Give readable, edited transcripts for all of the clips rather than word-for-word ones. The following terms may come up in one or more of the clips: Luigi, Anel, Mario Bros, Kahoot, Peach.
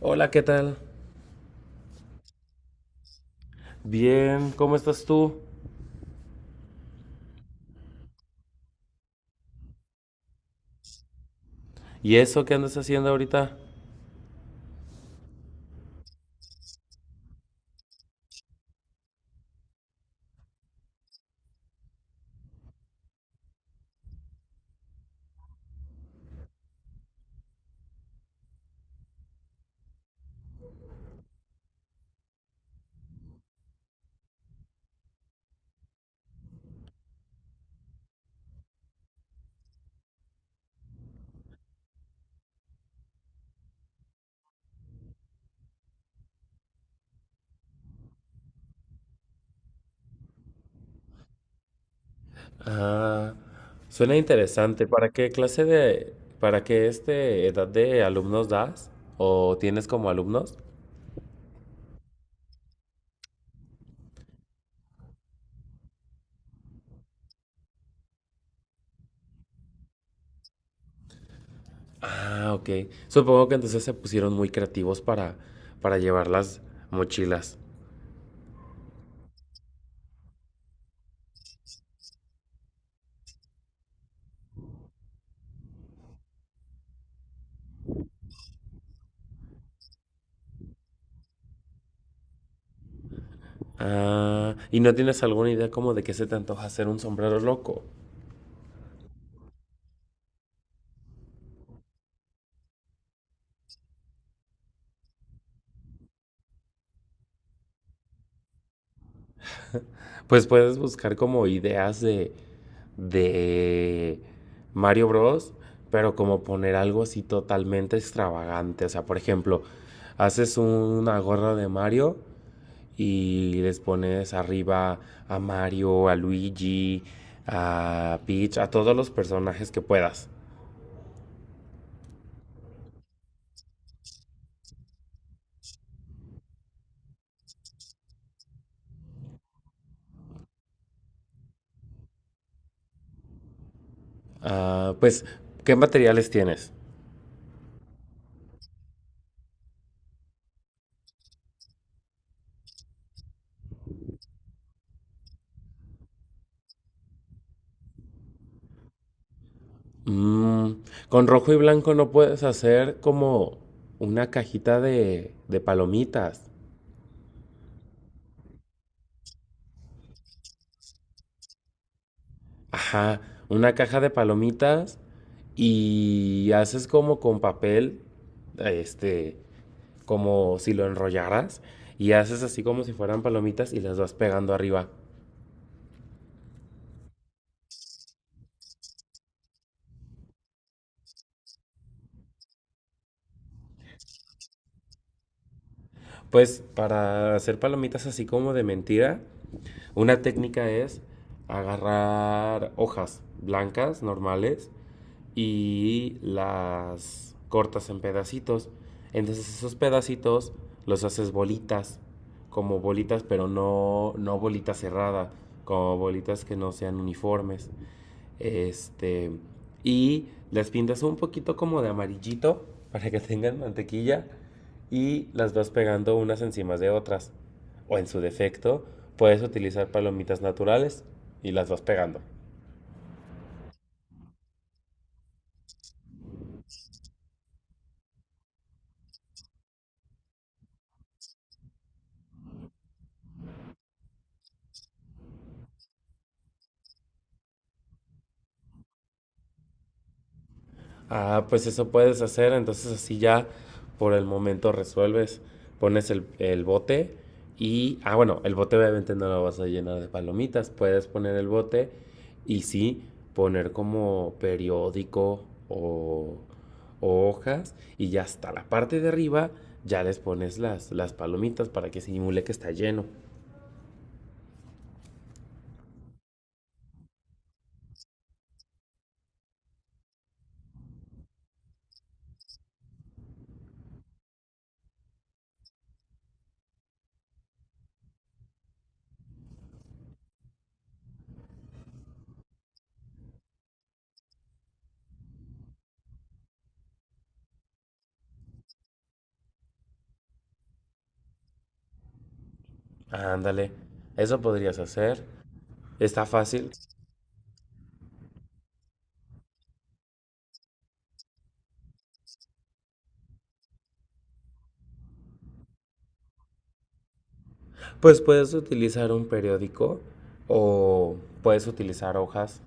Hola, ¿qué tal? Bien, ¿cómo estás tú? ¿Y eso qué andas haciendo ahorita? Ah, suena interesante. ¿Para qué clase para qué edad de alumnos das? ¿O tienes como alumnos? Ah, ok. Supongo que entonces se pusieron muy creativos para llevar las mochilas. Ah, ¿y no tienes alguna idea como de qué se te antoja hacer un sombrero loco? Pues puedes buscar como ideas de Mario Bros, pero como poner algo así totalmente extravagante. O sea, por ejemplo, haces una gorra de Mario y les pones arriba a Mario, a Luigi, a Peach, a todos los personajes que puedas. Ah, pues, ¿qué materiales tienes? Mm, con rojo y blanco no puedes hacer como una cajita de palomitas. Ajá, una caja de palomitas y haces como con papel, este, como si lo enrollaras y haces así como si fueran palomitas y las vas pegando arriba. Pues para hacer palomitas así como de mentira, una técnica es agarrar hojas blancas normales y las cortas en pedacitos. Entonces esos pedacitos los haces bolitas, como bolitas, pero no bolita cerrada, como bolitas que no sean uniformes. Este, y las pintas un poquito como de amarillito para que tengan mantequilla y las vas pegando unas encima de otras. O en su defecto, puedes utilizar palomitas naturales y las vas pegando. Ah, pues eso puedes hacer, entonces así ya por el momento resuelves, pones el bote y, ah, bueno, el bote obviamente no lo vas a llenar de palomitas, puedes poner el bote y sí, poner como periódico o hojas y ya hasta la parte de arriba ya les pones las palomitas para que simule que está lleno. Ándale, eso podrías hacer, está fácil. Pues puedes utilizar un periódico o puedes utilizar hojas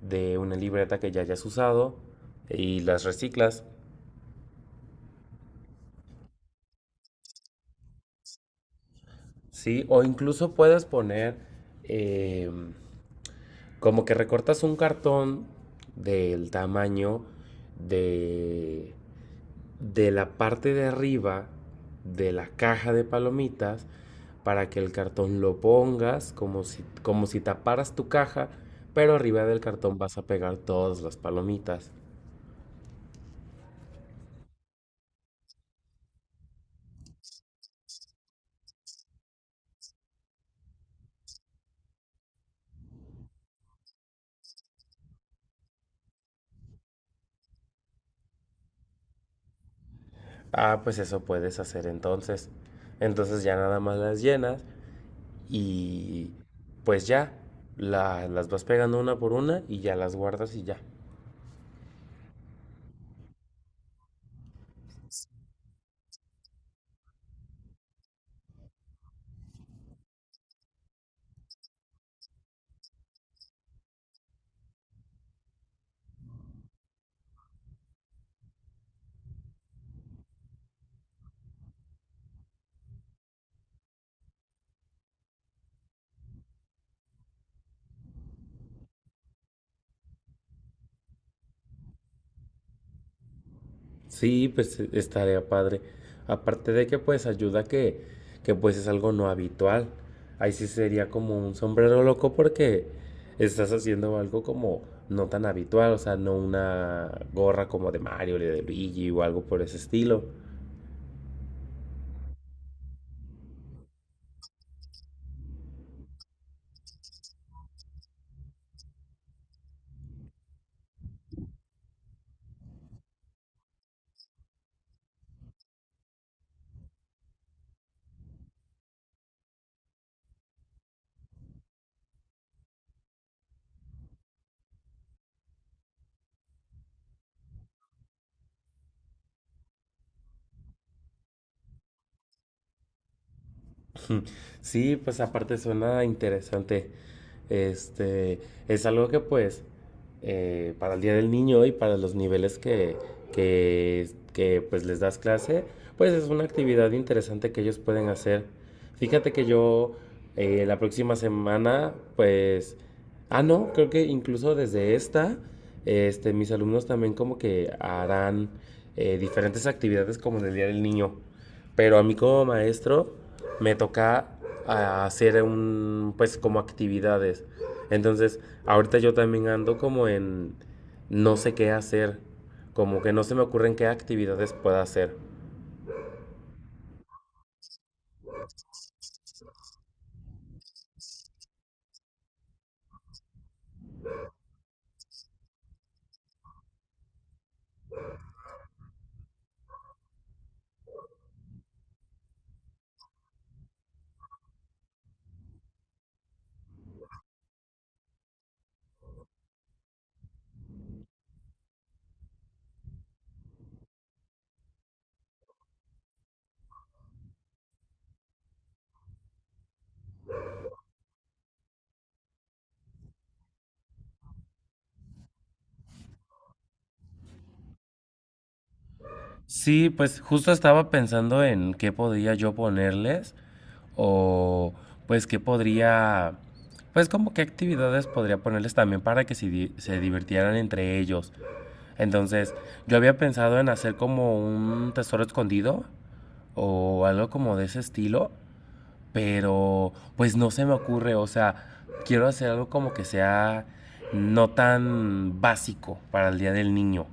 de una libreta que ya hayas usado y las reciclas, ¿sí? O incluso puedes poner eh, como que recortas un cartón del tamaño de de la parte de arriba de la caja de palomitas para que el cartón lo pongas como si taparas tu caja, pero arriba del cartón vas a pegar todas las palomitas. Ah, pues eso puedes hacer entonces. Entonces ya nada más las llenas y pues ya las vas pegando una por una y ya las guardas y ya. Sí, pues estaría padre. Aparte de que pues ayuda que pues es algo no habitual. Ahí sí sería como un sombrero loco porque estás haciendo algo como no tan habitual, o sea, no una gorra como de Mario o de Luigi o algo por ese estilo. Sí, pues aparte suena interesante. Este, es algo que pues para el Día del Niño y para los niveles que, pues les das clase, pues es una actividad interesante que ellos pueden hacer. Fíjate que yo la próxima semana, pues, ah, no, creo que incluso desde esta, mis alumnos también como que harán diferentes actividades como en el Día del Niño. Pero a mí como maestro me toca hacer un, pues como actividades. Entonces, ahorita yo también ando como en no sé qué hacer, como que no se me ocurren qué actividades pueda hacer. Sí, pues justo estaba pensando en qué podría yo ponerles o pues qué podría, pues como qué actividades podría ponerles también para que se, se divirtieran entre ellos. Entonces, yo había pensado en hacer como un tesoro escondido, o algo como de ese estilo, pero pues no se me ocurre, o sea, quiero hacer algo como que sea no tan básico para el Día del Niño.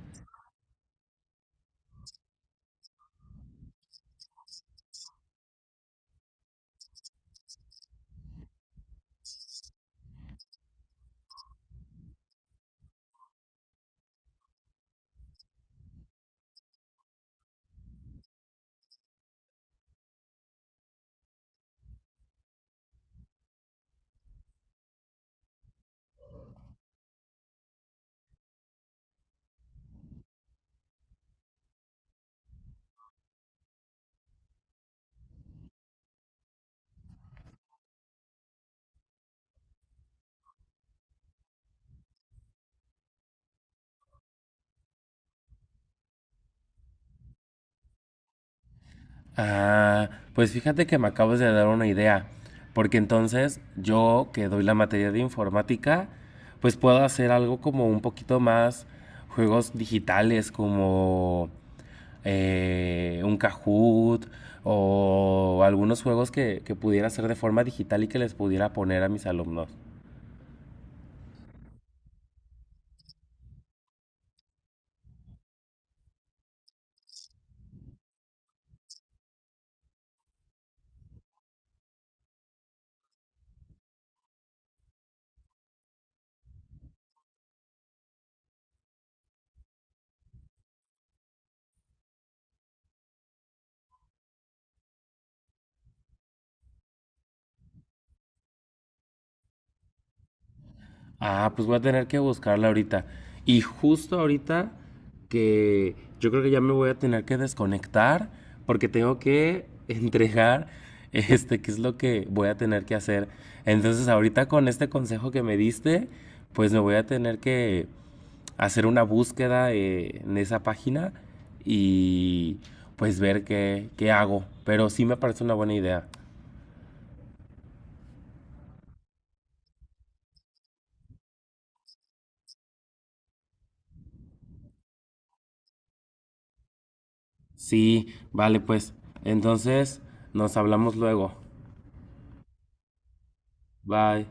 Ah, pues fíjate que me acabas de dar una idea, porque entonces yo que doy la materia de informática, pues puedo hacer algo como un poquito más juegos digitales, como un Kahoot o algunos juegos que pudiera hacer de forma digital y que les pudiera poner a mis alumnos. Ah, pues voy a tener que buscarla ahorita. Y justo ahorita que yo creo que ya me voy a tener que desconectar porque tengo que entregar qué es lo que voy a tener que hacer. Entonces, ahorita con este consejo que me diste, pues me voy a tener que hacer una búsqueda en esa página y pues ver qué hago. Pero sí me parece una buena idea. Sí, vale, pues. Entonces, nos hablamos luego. Bye.